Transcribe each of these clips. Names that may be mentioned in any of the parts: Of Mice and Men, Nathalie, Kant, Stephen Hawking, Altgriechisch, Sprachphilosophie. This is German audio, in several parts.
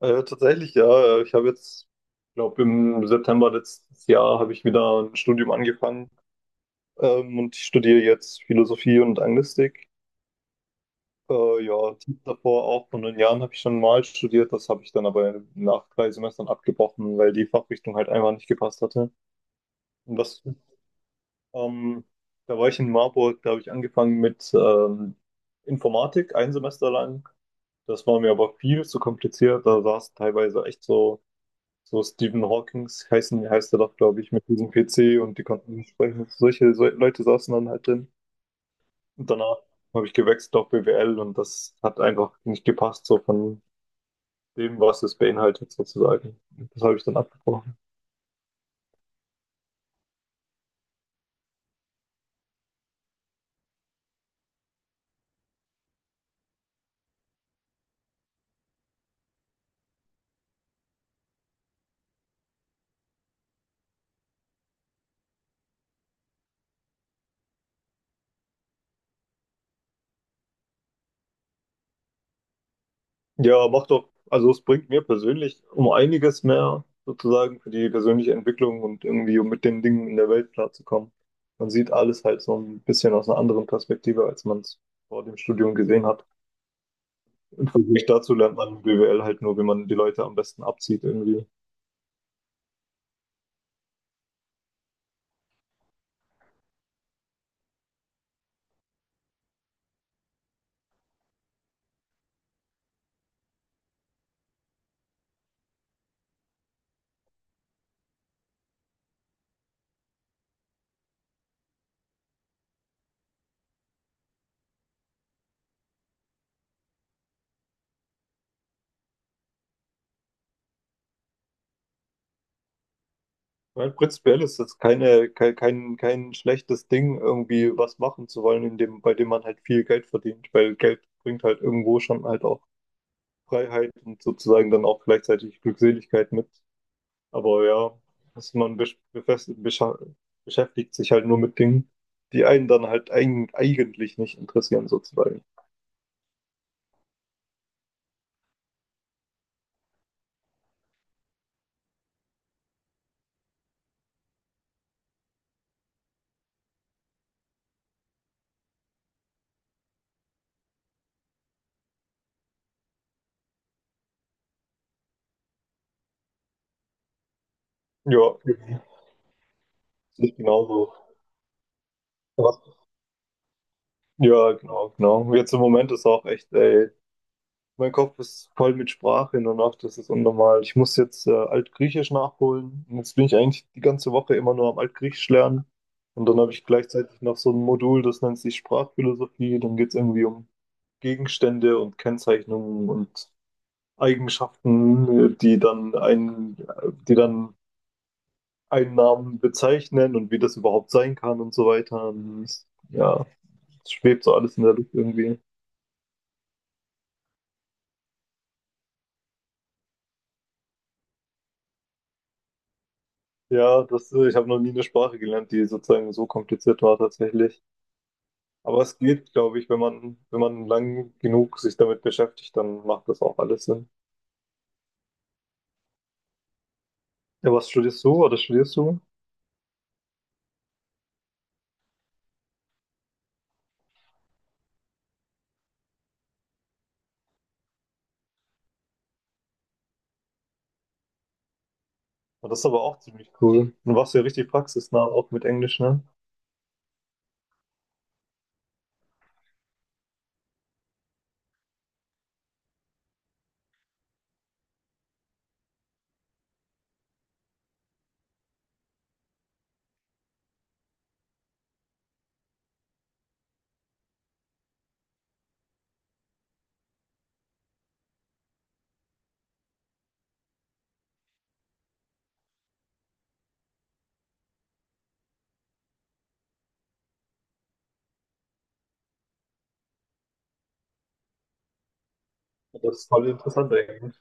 Tatsächlich, ja. Ich habe jetzt, glaube im September letztes Jahr habe ich wieder ein Studium angefangen, und ich studiere jetzt Philosophie und Anglistik. Ja, davor auch vor 9 Jahren habe ich schon mal studiert, das habe ich dann aber nach 3 Semestern abgebrochen, weil die Fachrichtung halt einfach nicht gepasst hatte. Und das, ähm, da war ich in Marburg, da habe ich angefangen mit Informatik, ein Semester lang. Das war mir aber viel zu kompliziert. Da saß teilweise echt so. So Stephen Hawkings heißen, heißt er doch, glaube ich, mit diesem PC und die konnten nicht sprechen. Solche Leute saßen dann halt drin. Und danach habe ich gewechselt auf BWL und das hat einfach nicht gepasst, so von dem, was es beinhaltet, sozusagen. Das habe ich dann abgebrochen. Ja, macht doch, also es bringt mir persönlich um einiges mehr, sozusagen, für die persönliche Entwicklung und irgendwie, um mit den Dingen in der Welt klarzukommen. Man sieht alles halt so ein bisschen aus einer anderen Perspektive, als man es vor dem Studium gesehen hat. Im Vergleich dazu lernt man BWL halt nur, wie man die Leute am besten abzieht irgendwie. Weil prinzipiell ist das keine, kein, kein, kein schlechtes Ding, irgendwie was machen zu wollen, in dem, bei dem man halt viel Geld verdient, weil Geld bringt halt irgendwo schon halt auch Freiheit und sozusagen dann auch gleichzeitig Glückseligkeit mit. Aber ja, dass man beschäftigt sich halt nur mit Dingen, die einen dann halt eigentlich nicht interessieren, sozusagen. Ja, nicht genauso. Was Ja, genau, genau. Jetzt im Moment ist auch echt, ey, mein Kopf ist voll mit Sprache hin und nach, das ist unnormal. Ich muss jetzt Altgriechisch nachholen. Und jetzt bin ich eigentlich die ganze Woche immer nur am Altgriechisch lernen. Und dann habe ich gleichzeitig noch so ein Modul, das nennt sich Sprachphilosophie. Dann geht es irgendwie um Gegenstände und Kennzeichnungen und Eigenschaften, die dann einen Namen bezeichnen und wie das überhaupt sein kann und so weiter. Und ja, es schwebt so alles in der Luft irgendwie. Ja, das, ich habe noch nie eine Sprache gelernt, die sozusagen so kompliziert war tatsächlich. Aber es geht, glaube ich, wenn man, lang genug sich damit beschäftigt, dann macht das auch alles Sinn. Ja, was studierst du oder studierst du? Und das ist aber auch ziemlich cool. Und warst ja richtig praxisnah, auch mit Englisch, ne? Und das ist voll interessant eigentlich.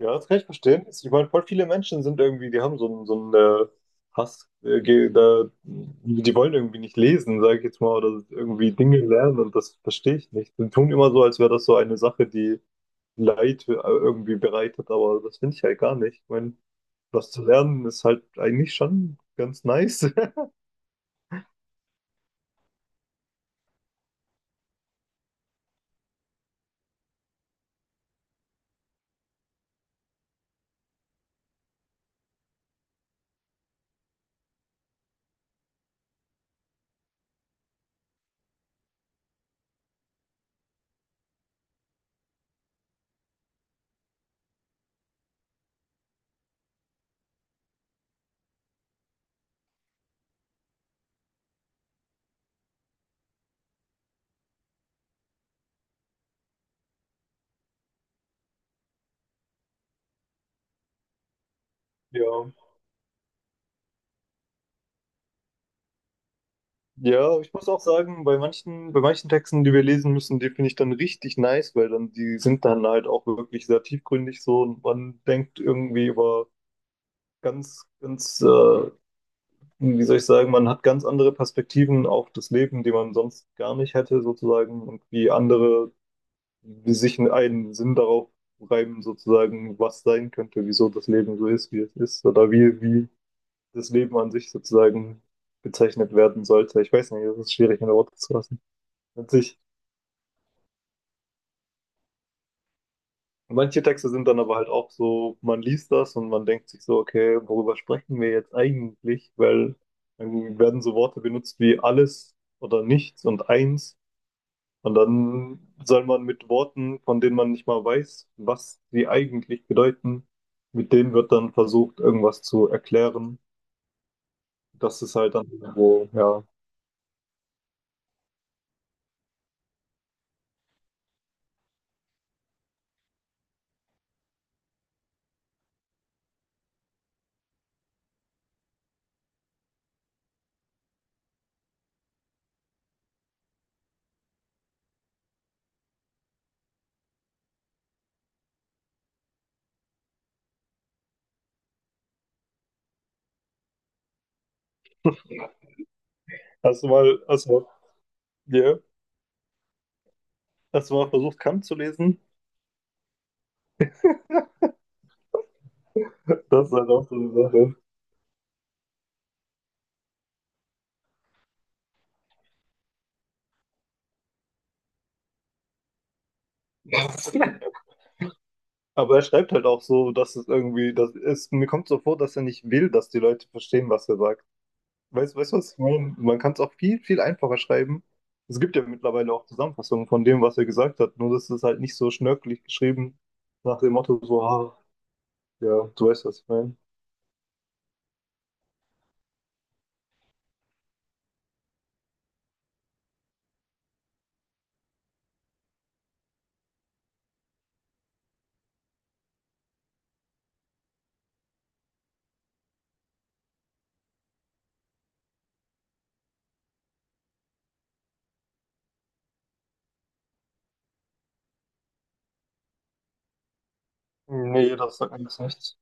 Ja, das kann ich verstehen. Ich meine, voll viele Menschen sind irgendwie, die haben so einen, Hass, da, die wollen irgendwie nicht lesen, sage ich jetzt mal, oder irgendwie Dinge lernen und das verstehe ich nicht. Die tun immer so, als wäre das so eine Sache, die Leid irgendwie bereitet, aber das finde ich halt gar nicht. Ich meine, was zu lernen ist halt eigentlich schon ganz nice. Ja. Ja, ich muss auch sagen, bei manchen, Texten, die wir lesen müssen, die finde ich dann richtig nice, weil dann die sind dann halt auch wirklich sehr tiefgründig so und man denkt irgendwie über ganz, ganz, wie soll ich sagen, man hat ganz andere Perspektiven auf das Leben, die man sonst gar nicht hätte sozusagen und wie andere wie sich einen Sinn darauf reimen, sozusagen, was sein könnte, wieso das Leben so ist, wie es ist, oder wie, das Leben an sich sozusagen bezeichnet werden sollte. Ich weiß nicht, das ist schwierig in Worte zu fassen. An sich, manche Texte sind dann aber halt auch so, man liest das und man denkt sich so, okay, worüber sprechen wir jetzt eigentlich? Weil dann werden so Worte benutzt wie alles oder nichts und eins. Und dann soll man mit Worten, von denen man nicht mal weiß, was sie eigentlich bedeuten, mit denen wird dann versucht, irgendwas zu erklären. Das ist halt dann irgendwo, ja. Erstmal, yeah. Erstmal versucht, Kant zu lesen. Das ist halt auch so eine Sache. Aber er schreibt halt auch so, dass es irgendwie, das ist, mir kommt so vor, dass er nicht will, dass die Leute verstehen, was er sagt. Weißt du, was ich meine? Man kann es auch viel, viel einfacher schreiben. Es gibt ja mittlerweile auch Zusammenfassungen von dem, was er gesagt hat, nur das ist halt nicht so schnörkelig geschrieben, nach dem Motto so, ah, ja, du weißt, was ich meine. Nee, das sagt mir jetzt nichts.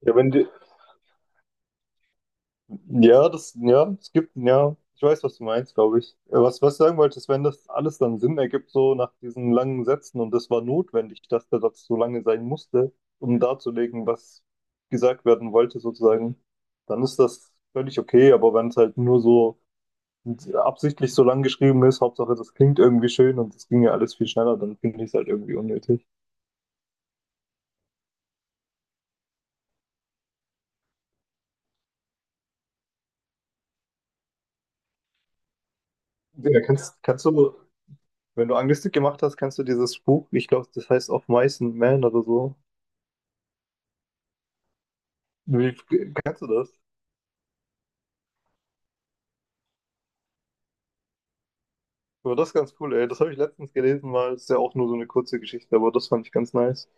Ja, wenn dir, Ja, das, ja, es gibt, ja, ich weiß, was du meinst, glaube ich. Was, was ich sagen wollte, ist, wenn das alles dann Sinn ergibt, so nach diesen langen Sätzen, und das war notwendig, dass der Satz so lange sein musste, um darzulegen, was gesagt werden wollte, sozusagen, dann ist das völlig okay, aber wenn es halt nur so absichtlich so lang geschrieben ist, Hauptsache, das klingt irgendwie schön und es ging ja alles viel schneller, dann finde ich es halt irgendwie unnötig. Ja, kannst, kannst du, Wenn du Anglistik gemacht hast, kannst du dieses Buch, ich glaube, das heißt Of Mice and Men oder so. Wie, Kennst du das? Aber das ist ganz cool, ey. Das habe ich letztens gelesen mal. Das ist ja auch nur so eine kurze Geschichte, aber das fand ich ganz nice.